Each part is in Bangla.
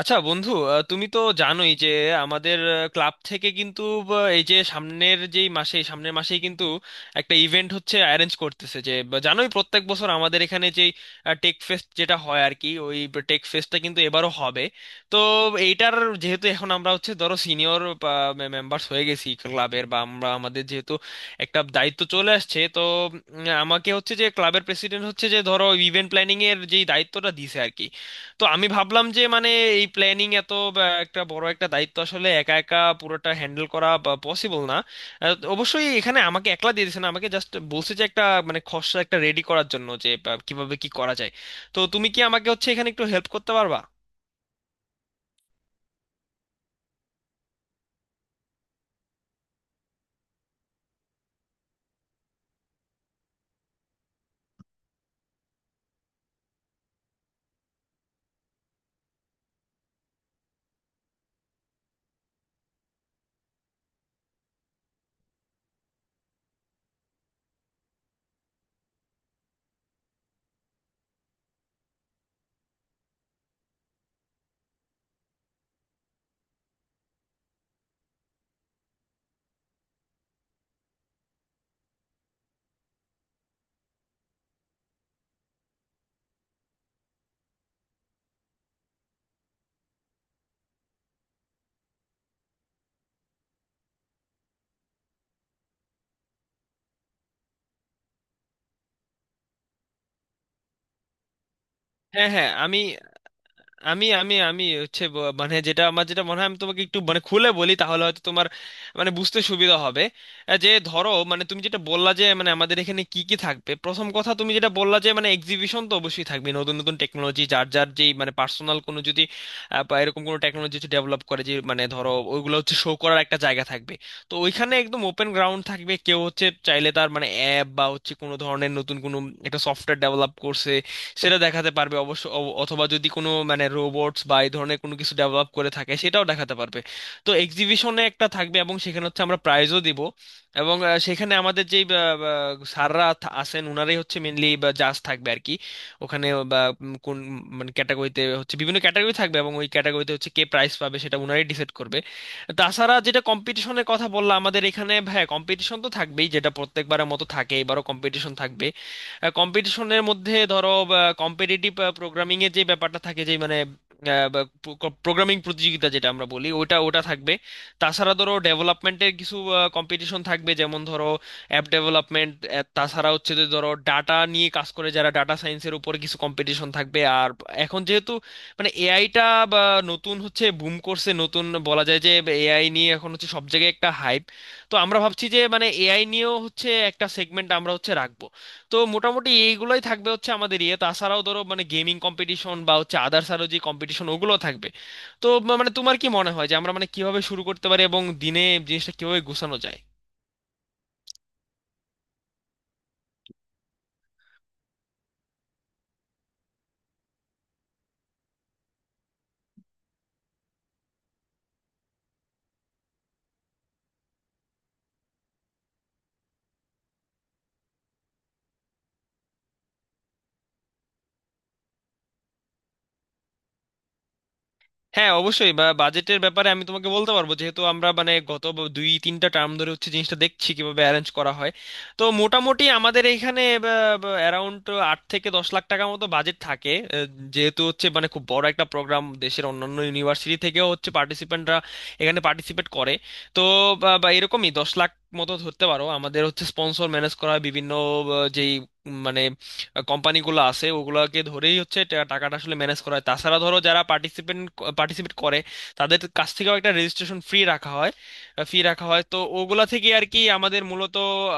আচ্ছা বন্ধু, তুমি তো জানোই যে আমাদের ক্লাব থেকে কিন্তু এই যে সামনের যেই মাসে সামনের মাসেই কিন্তু একটা ইভেন্ট হচ্ছে, অ্যারেঞ্জ করতেছে, যে বা জানোই প্রত্যেক বছর আমাদের এখানে যেই টেক ফেস্ট যেটা হয় আর কি, ওই টেক ফেস্টটা কিন্তু এবারও হবে। তো এইটার, যেহেতু এখন আমরা হচ্ছে ধরো সিনিয়র মেম্বার্স হয়ে গেছি ক্লাবের, বা আমরা আমাদের যেহেতু একটা দায়িত্ব চলে আসছে, তো আমাকে হচ্ছে যে ক্লাবের প্রেসিডেন্ট হচ্ছে যে ধরো ইভেন্ট প্ল্যানিং এর যেই দায়িত্বটা দিছে আর কি। তো আমি ভাবলাম যে মানে এই প্ল্যানিং এত একটা বড় একটা দায়িত্ব, আসলে একা একা পুরোটা হ্যান্ডেল করা পসিবল না। অবশ্যই এখানে আমাকে একলা দিয়ে দিয়েছে না, আমাকে জাস্ট বলছে যে একটা মানে খসড়া একটা রেডি করার জন্য, যে বা, কিভাবে কি করা যায়। তো তুমি কি আমাকে হচ্ছে এখানে একটু হেল্প করতে পারবা? হ্যাঁ, হ্যাঁ, আমি আমি আমি আমি হচ্ছে মানে যেটা আমার যেটা মনে হয়, আমি তোমাকে একটু মানে খুলে বলি, তাহলে হয়তো তোমার মানে বুঝতে সুবিধা হবে। যে ধরো মানে তুমি যেটা বললা যে মানে আমাদের এখানে কি কি থাকবে, প্রথম কথা তুমি যেটা বললা যে মানে এক্সিবিশন তো অবশ্যই থাকবে, নতুন নতুন টেকনোলজি, যার যার যেই মানে পার্সোনাল কোনো যদি বা এরকম কোনো টেকনোলজি হচ্ছে ডেভেলপ করে, যে মানে ধরো ওইগুলো হচ্ছে শো করার একটা জায়গা থাকবে। তো ওইখানে একদম ওপেন গ্রাউন্ড থাকবে, কেউ হচ্ছে চাইলে তার মানে অ্যাপ বা হচ্ছে কোনো ধরনের নতুন কোনো একটা সফটওয়্যার ডেভেলপ করছে, সেটা দেখাতে পারবে। অবশ্য অথবা যদি কোনো মানে রোবটস বা এই ধরনের কোনো কিছু ডেভেলপ করে থাকে, সেটাও দেখাতে পারবে। তো এক্সিবিশনে একটা থাকবে, এবং সেখানে হচ্ছে আমরা প্রাইজও দিব। এবং সেখানে আমাদের যেই আহ, আহ, স্যাররা আছেন, ওনারাই হচ্ছে মেনলি জাজ থাকবে আর কি ওখানে। বা কোন মানে ক্যাটাগরিতে হচ্ছে, বিভিন্ন ক্যাটাগরি থাকবে, এবং ওই ক্যাটাগরিতে হচ্ছে কে প্রাইজ পাবে সেটা ওনারাই ডিসাইড করবে। তাছাড়া যেটা কম্পিটিশনের কথা বললাম, আমাদের এখানে হ্যাঁ কম্পিটিশন তো থাকবেই, যেটা প্রত্যেকবারের মতো থাকে, এবারও কম্পিটিশন থাকবে। কম্পিটিশনের মধ্যে ধরো কম্পিটিটিভ প্রোগ্রামিং এর যে ব্যাপারটা থাকে, যে মানে প্রোগ্রামিং প্রতিযোগিতা যেটা আমরা বলি, ওটা ওটা থাকবে। তাছাড়া ধরো ডেভেলপমেন্টের কিছু কম্পিটিশন থাকবে, যেমন ধরো অ্যাপ ডেভেলপমেন্ট। তাছাড়া হচ্ছে যে ধরো ডাটা নিয়ে কাজ করে যারা, ডাটা সায়েন্সের উপরে কিছু কম্পিটিশন থাকবে। আর এখন যেহেতু মানে এআইটা বা নতুন হচ্ছে বুম করছে, নতুন বলা যায় যে, এআই নিয়ে এখন হচ্ছে সব জায়গায় একটা হাইপ। তো আমরা ভাবছি যে মানে এআই নিয়েও হচ্ছে একটা সেগমেন্ট আমরা হচ্ছে রাখবো। তো মোটামুটি এইগুলোই থাকবে হচ্ছে আমাদের ইয়ে, তাছাড়াও ধরো মানে গেমিং কম্পিটিশন বা হচ্ছে আদার্স আরো যে কম্পিটিশন, ওগুলো থাকবে। তো মানে তোমার কি মনে হয় যে আমরা মানে কিভাবে শুরু করতে পারি, এবং দিনে জিনিসটা কিভাবে গোছানো যায়? হ্যাঁ, অবশ্যই, বা বাজেটের ব্যাপারে আমি তোমাকে বলতে পারবো, যেহেতু আমরা মানে গত 2-3টা টার্ম ধরে হচ্ছে জিনিসটা দেখছি কিভাবে অ্যারেঞ্জ করা হয়। তো মোটামুটি আমাদের এইখানে অ্যারাউন্ড 8 থেকে 10 লাখ টাকার মতো বাজেট থাকে, যেহেতু হচ্ছে মানে খুব বড় একটা প্রোগ্রাম, দেশের অন্যান্য ইউনিভার্সিটি থেকেও হচ্ছে পার্টিসিপেন্টরা এখানে পার্টিসিপেট করে। তো বা বা এরকমই 10 লাখ মতো ধরতে পারো। আমাদের হচ্ছে স্পন্সর ম্যানেজ করা হয় বিভিন্ন আহ, যেই মানে কোম্পানিগুলো আছে, ওগুলোকে ধরেই হচ্ছে টাকাটা আসলে ম্যানেজ করা হয়। তাছাড়া ধরো যারা পার্টিসিপেন্ট, পার্টিসিপেট করে, তাদের কাছ থেকেও একটা রেজিস্ট্রেশন ফ্রি রাখা হয়, ফি রাখা হয়। তো ওগুলা থেকে আর কি আমাদের মূলত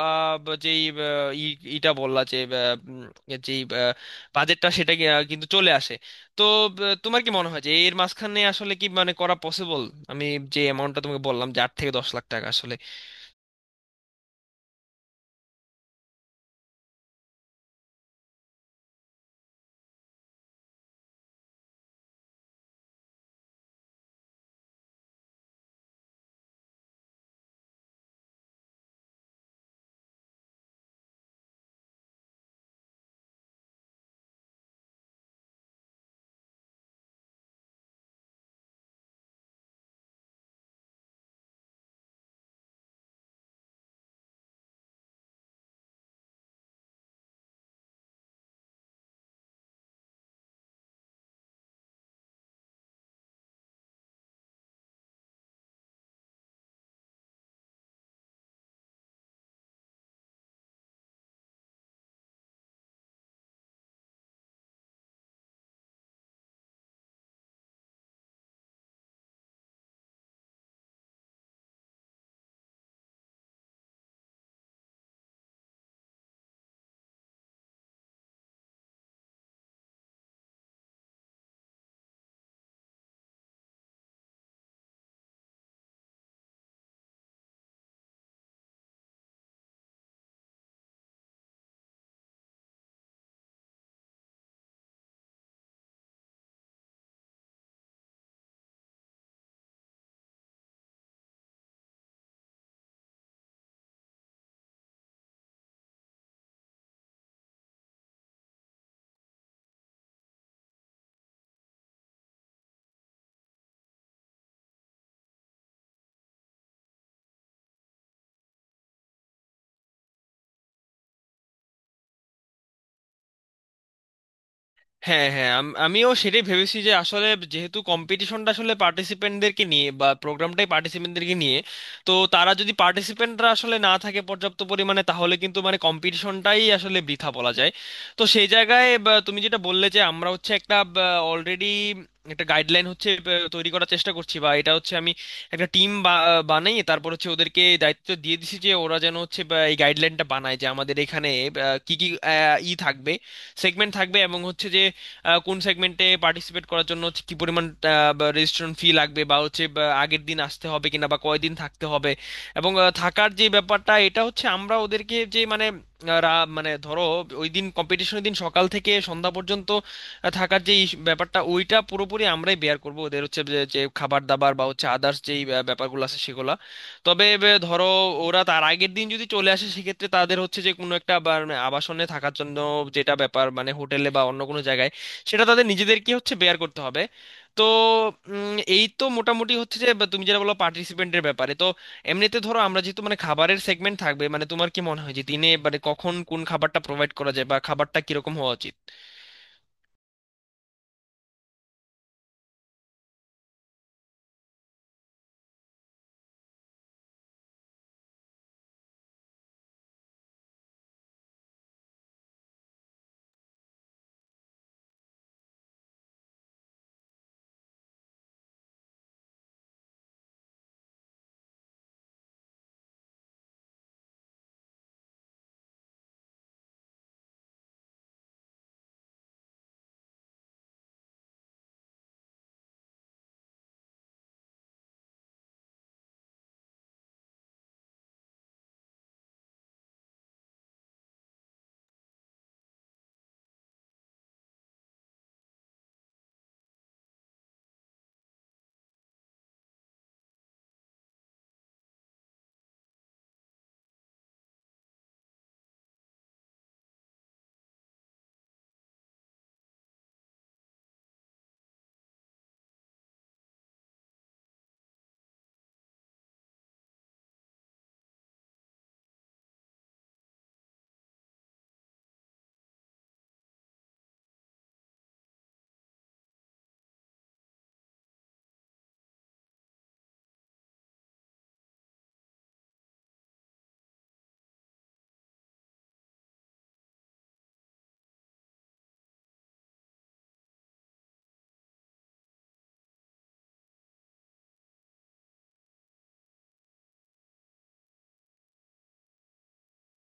আহ, ব- যেই আহ, ই- ইটা বললা যে যেই বাজেটটা সেটা কি, কিন্তু চলে আসে। তো তোমার কি মনে হয় যে এর মাঝখানে আসলে কি মানে করা পসিবল, আমি যে অ্যামাউন্টটা তোমাকে বললাম যে 8 থেকে 10 লাখ টাকা আসলে? হ্যাঁ, হ্যাঁ, আমিও সেটাই ভেবেছি যে আসলে যেহেতু কম্পিটিশনটা আসলে পার্টিসিপেন্টদেরকে নিয়ে, বা প্রোগ্রামটাই পার্টিসিপেন্টদেরকে নিয়ে, তো তারা যদি পার্টিসিপেন্টরা আসলে না থাকে পর্যাপ্ত পরিমাণে, তাহলে কিন্তু মানে কম্পিটিশনটাই আসলে বৃথা বলা যায়। তো সেই জায়গায় বা তুমি যেটা বললে যে আমরা হচ্ছে একটা অলরেডি একটা গাইডলাইন হচ্ছে, বা, তৈরি করার চেষ্টা করছি, বা এটা হচ্ছে আমি একটা টিম বানাই, তারপর হচ্ছে ওদেরকে দায়িত্ব দিয়ে দিছি যে ওরা যেন হচ্ছে, বা, এই গাইডলাইনটা বানায়, যে আমাদের এখানে বা, কি কি আহ, ই থাকবে, সেগমেন্ট থাকবে, এবং হচ্ছে যে কোন সেগমেন্টে পার্টিসিপেট করার জন্য হচ্ছে কি পরিমাণ রেজিস্ট্রেশন ফি লাগবে, বা হচ্ছে বা আগের দিন আসতে হবে কিনা, বা কয়দিন থাকতে হবে। এবং থাকার যে ব্যাপারটা, এটা হচ্ছে আমরা ওদেরকে যে মানে মানে ধরো ওই দিন, কম্পিটিশনের দিন সকাল থেকে সন্ধ্যা পর্যন্ত থাকার যে ব্যাপারটা ওইটা পুরোপুরি আমরাই বেয়ার করব, ওদের হচ্ছে যে যে খাবার দাবার বা হচ্ছে আদার্স যেই ব্যাপারগুলো আছে সেগুলা। তবে এ, ধরো ওরা তার আগের দিন যদি চলে আসে, সেক্ষেত্রে তাদের হচ্ছে যে কোনো একটা মানে, আবাসনে থাকার জন্য, যেটা ব্যাপার মানে হোটেলে বা অন্য কোনো জায়গায়, সেটা তাদের নিজেদের কি হচ্ছে বেয়ার করতে হবে। তো এই তো মোটামুটি হচ্ছে যে বা তুমি যেটা বলো পার্টিসিপেন্টের ব্যাপারে। তো এমনিতে ধরো আমরা যেহেতু মানে খাবারের সেগমেন্ট থাকবে, মানে তোমার কি মনে হয় যে দিনে মানে কখন কোন খাবারটা প্রোভাইড করা যায়, বা খাবারটা কিরকম হওয়া উচিত?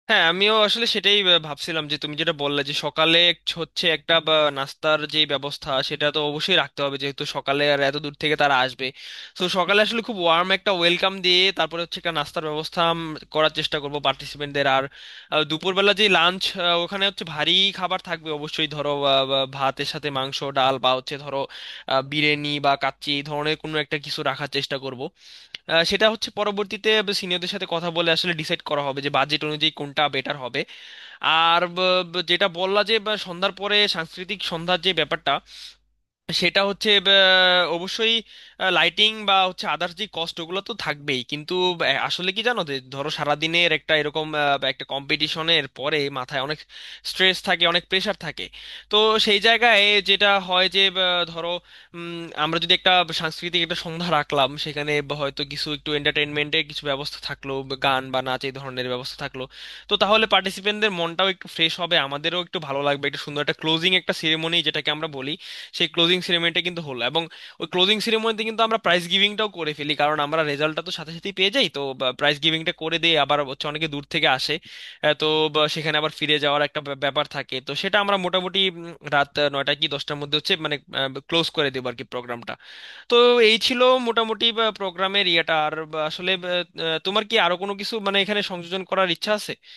হ্যাঁ, আমিও আসলে সেটাই ভাবছিলাম যে তুমি যেটা বললে যে সকালে হচ্ছে একটা, বা, নাস্তার যে ব্যবস্থা সেটা তো অবশ্যই রাখতে হবে, যেহেতু সকালে আর এত দূর থেকে তারা আসবে। তো সকালে আসলে খুব ওয়ার্ম একটা ওয়েলকাম দিয়ে তারপরে হচ্ছে একটা নাস্তার ব্যবস্থা করার চেষ্টা করব পার্টিসিপেন্টদের। আর দুপুরবেলা যে লাঞ্চ, ওখানে হচ্ছে ভারী খাবার থাকবে অবশ্যই, ধরো ভাতের সাথে মাংস ডাল, বা হচ্ছে ধরো বিরিয়ানি বা কাচ্চি এই ধরনের কোনো একটা কিছু রাখার চেষ্টা করব। সেটা হচ্ছে পরবর্তীতে সিনিয়রদের সাথে কথা বলে আসলে ডিসাইড করা হবে যে বাজেট অনুযায়ী কোনটা বেটার হবে। আর যেটা বললা যে বা সন্ধ্যার পরে সাংস্কৃতিক সন্ধ্যার যে ব্যাপারটা, সেটা হচ্ছে অবশ্যই লাইটিং বা হচ্ছে আদার্স যে কস্ট, ওগুলো তো থাকবেই। কিন্তু আসলে কি জানো যে ধরো সারাদিনের একটা এরকম বা একটা কম্পিটিশনের পরে মাথায় অনেক স্ট্রেস থাকে, অনেক প্রেশার থাকে। তো সেই জায়গায় যেটা হয় যে ধরো আমরা যদি একটা সাংস্কৃতিক একটা সন্ধ্যা রাখলাম, সেখানে বা হয়তো কিছু একটু এন্টারটেনমেন্টের কিছু ব্যবস্থা থাকলো, বা গান বা নাচ এই ধরনের ব্যবস্থা থাকলো, তো তাহলে পার্টিসিপেন্টদের মনটাও একটু ফ্রেশ হবে, আমাদেরও একটু ভালো লাগবে, একটা সুন্দর একটা ক্লোজিং একটা সেরেমনি যেটাকে আমরা বলি, সেই ক্লোজিং সেরেমনিটা কিন্তু হলো। এবং ওই ক্লোজিং সেরেমনিতে কিন্তু আমরা প্রাইজ গিভিংটাও করে ফেলি, কারণ আমরা রেজাল্টটা তো সাথে সাথেই পেয়ে যাই। তো প্রাইজ গিভিংটা করে দিয়ে আবার হচ্ছে অনেকে দূর থেকে আসে, তো বা সেখানে আবার ফিরে যাওয়ার একটা ব্যাপার থাকে, তো সেটা আমরা মোটামুটি রাত 9টা কি 10টার মধ্যে হচ্ছে মানে ক্লোজ করে দেবো আর কি প্রোগ্রামটা। তো এই ছিল মোটামুটি প্রোগ্রামের ইয়েটা। আর বা আসলে তোমার কি আরো কোনো কিছু মানে এখানে সংযোজন করার ইচ্ছা আছে?